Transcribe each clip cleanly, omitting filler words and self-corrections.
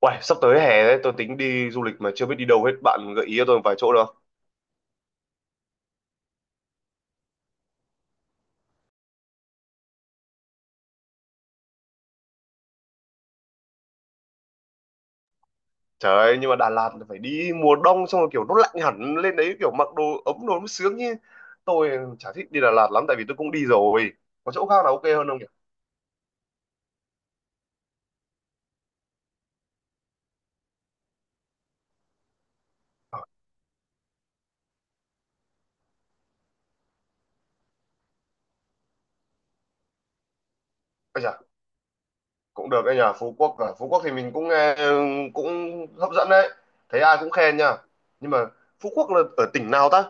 Uầy, sắp tới hè đấy, tôi tính đi du lịch mà chưa biết đi đâu hết. Bạn gợi ý cho tôi một vài chỗ được không? Trời ơi, nhưng mà Đà Lạt là phải đi mùa đông xong rồi kiểu nó lạnh hẳn lên đấy kiểu mặc đồ ấm đồ mới sướng chứ. Tôi chả thích đi Đà Lạt lắm tại vì tôi cũng đi rồi. Có chỗ khác nào ok hơn không nhỉ? Ờ. Ây chà, cũng được đấy nhỉ, Phú Quốc à. Phú Quốc thì mình cũng nghe cũng hấp dẫn đấy. Thấy ai cũng khen nha. Nhưng mà Phú Quốc là ở tỉnh nào ta?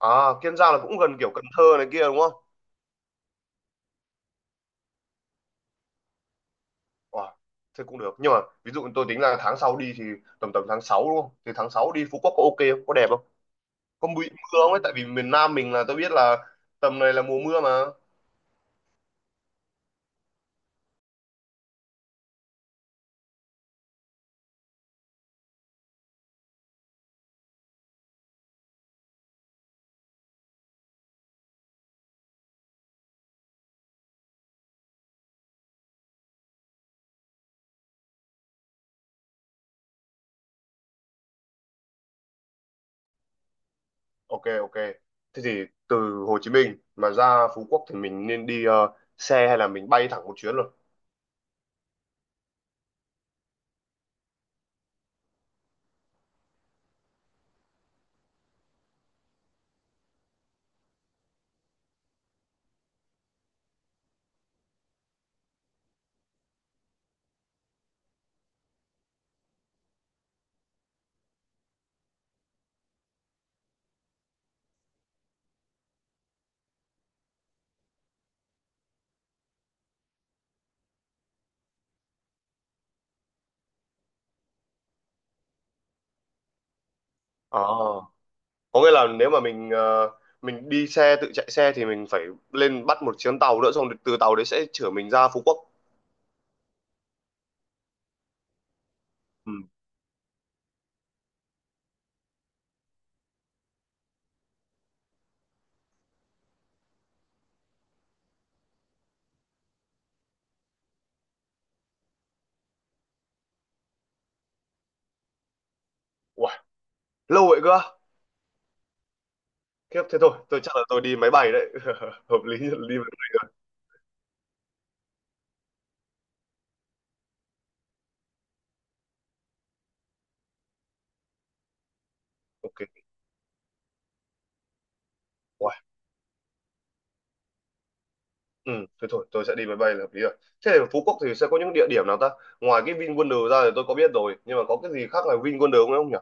À, Kiên Giang là cũng gần kiểu Cần Thơ này kia đúng không? Wow, thế cũng được. Nhưng mà ví dụ tôi tính là tháng sau đi thì tầm tầm tháng 6 đúng không? Thì tháng 6 đi Phú Quốc có ok không? Có đẹp không? Có bị mưa không ấy? Tại vì miền Nam mình là tôi biết là tầm này là mùa mưa mà. Ok, ok. Thế thì từ Hồ Chí Minh mà ra Phú Quốc thì mình nên đi xe hay là mình bay thẳng một chuyến luôn? Ờ. Có nghĩa là nếu mà mình mình đi xe tự chạy xe thì mình phải lên bắt một chuyến tàu nữa xong từ tàu đấy sẽ chở mình ra Phú Quốc. Ừ. Wow, lâu vậy cơ. Khiếp thế thôi, tôi chắc là tôi đi máy bay đấy. Hợp lý, hợp lý. Ok. Wow. Ừ, thế thôi, tôi sẽ đi máy bay là hợp lý rồi. Thế thì ở Phú Quốc thì sẽ có những địa điểm nào ta? Ngoài cái VinWonder ra thì tôi có biết rồi, nhưng mà có cái gì khác là VinWonder không không nhỉ?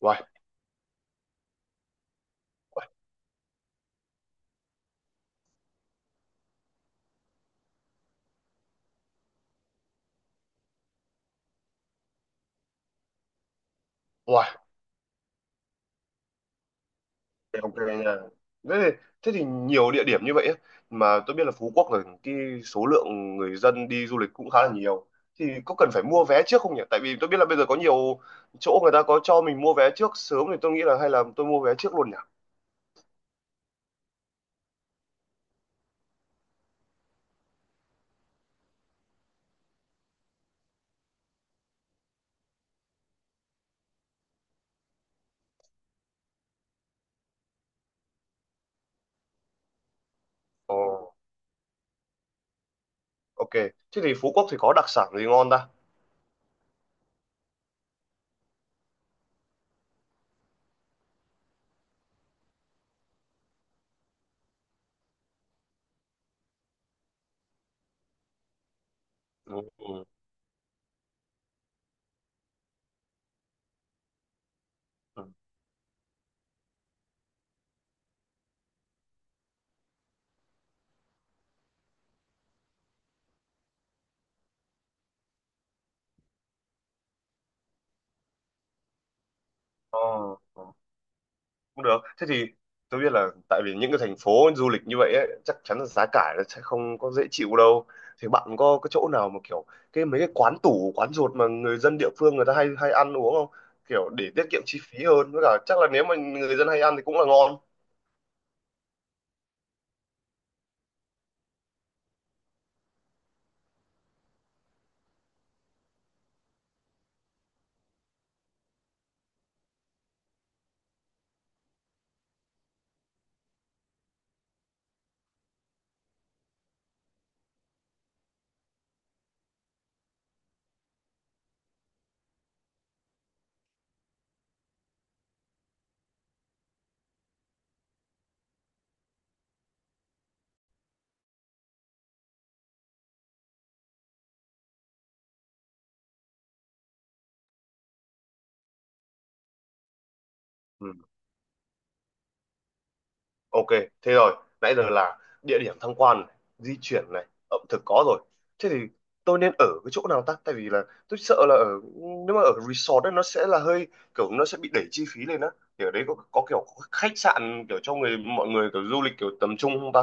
Wow. Wow. Ok nha. Thế thì, thế thì nhiều địa điểm như vậy ấy. Mà tôi biết là Phú Quốc là cái số lượng người dân đi du lịch cũng khá là nhiều. Thì có cần phải mua vé trước không nhỉ? Tại vì tôi biết là bây giờ có nhiều chỗ người ta có cho mình mua vé trước sớm thì tôi nghĩ là hay là tôi mua vé trước luôn nhỉ? Ồ. Ok, thế thì Phú Quốc thì có đặc sản gì ngon ta? Ừ, ừ, ừ. Ờ, ờ, cũng được. Thế thì tôi biết là tại vì những cái thành phố du lịch như vậy ấy, chắc chắn là giá cả nó sẽ không có dễ chịu đâu. Thì bạn có cái chỗ nào mà kiểu cái mấy cái quán tủ, quán ruột mà người dân địa phương người ta hay hay ăn uống không? Kiểu để tiết kiệm chi phí hơn. Với cả chắc là nếu mà người dân hay ăn thì cũng là ngon. Ok, thế rồi, nãy giờ là địa điểm tham quan này, di chuyển này, ẩm thực có rồi. Thế thì tôi nên ở cái chỗ nào ta? Tại vì là tôi sợ là ở nếu mà ở resort ấy, nó sẽ là hơi kiểu nó sẽ bị đẩy chi phí lên á. Thì ở đấy có kiểu khách sạn kiểu cho người mọi người kiểu du lịch kiểu tầm trung không ta?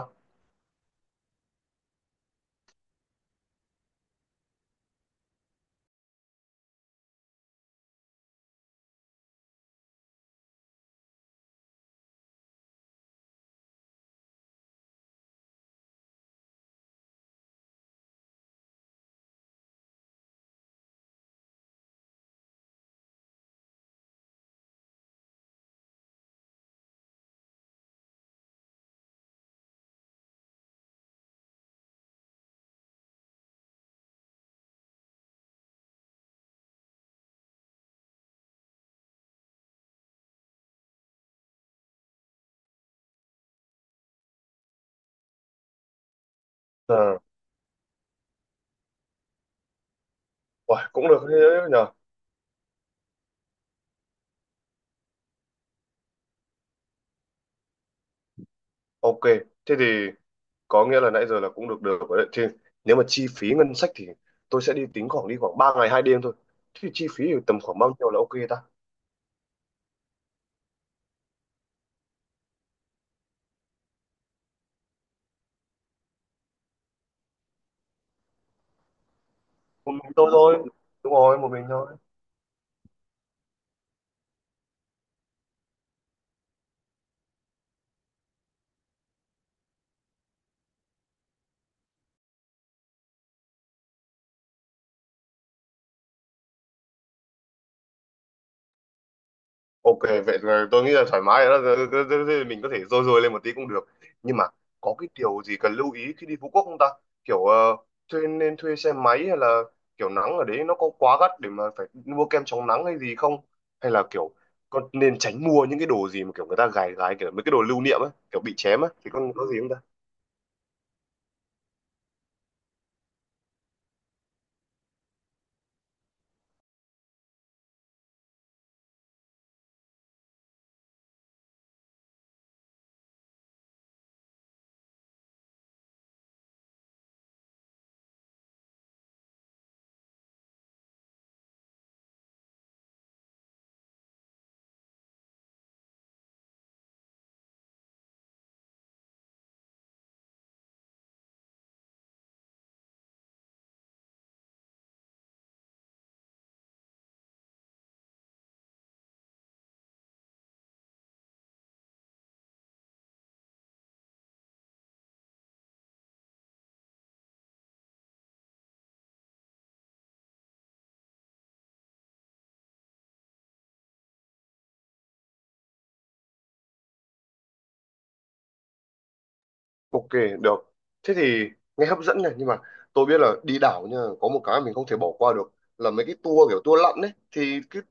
À, uầy, cũng được thế đấy nhờ. Ok, thế thì có nghĩa là nãy giờ là cũng được được rồi đấy. Thì nếu mà chi phí ngân sách thì tôi sẽ đi tính khoảng đi khoảng 3 ngày 2 đêm thôi. Thế thì chi phí thì tầm khoảng bao nhiêu là ok ta? Một mình tôi thôi. Đúng rồi, một mình thôi. Ok, vậy là tôi nghĩ là thoải mái rồi đó. Thế mình có thể rôi rôi lên một tí cũng được. Nhưng mà có cái điều gì cần lưu ý khi đi Phú Quốc không ta? Kiểu nên thuê xe máy hay là kiểu nắng ở đấy nó có quá gắt để mà phải mua kem chống nắng hay gì không? Hay là kiểu con nên tránh mua những cái đồ gì mà kiểu người ta gài gái kiểu mấy cái đồ lưu niệm á, kiểu bị chém á thì con có gì không ta? Ok, được. Thế thì nghe hấp dẫn này, nhưng mà tôi biết là đi đảo nha, có một cái mình không thể bỏ qua được là mấy cái tour kiểu tour lặn đấy. Thì cái,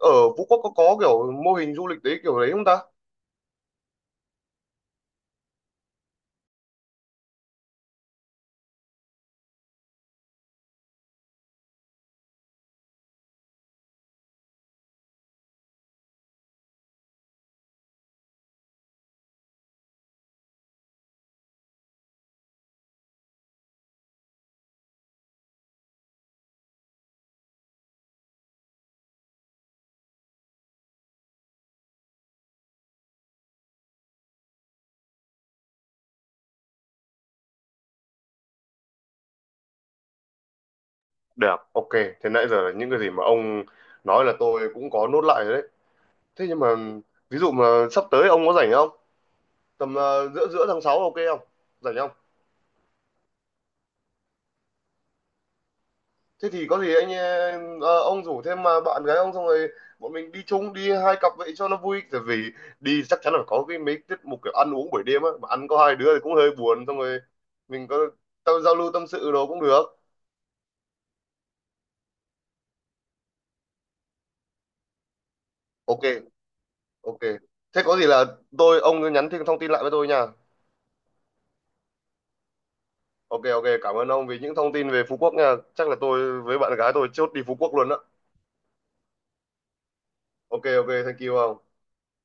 ở Phú Quốc có kiểu mô hình du lịch đấy kiểu đấy không ta? Được, ok. Thế nãy giờ là những cái gì mà ông nói là tôi cũng có nốt lại rồi đấy. Thế nhưng mà ví dụ mà sắp tới ông có rảnh không? Tầm giữa giữa tháng 6 ok không? Rảnh không? Thế thì có gì anh ông rủ thêm mà bạn gái ông xong rồi bọn mình đi chung đi hai cặp vậy cho nó vui tại vì đi chắc chắn là có cái mấy tiết mục kiểu ăn uống buổi đêm á mà ăn có hai đứa thì cũng hơi buồn xong rồi mình có tao giao lưu tâm sự đồ cũng được. Ok, ok, thế có gì là tôi ông cứ nhắn thêm thông tin lại với tôi nha. Ok, ok, cảm ơn ông vì những thông tin về Phú Quốc nha, chắc là tôi với bạn gái tôi chốt đi Phú Quốc luôn đó. Ok, ok, thank you ông.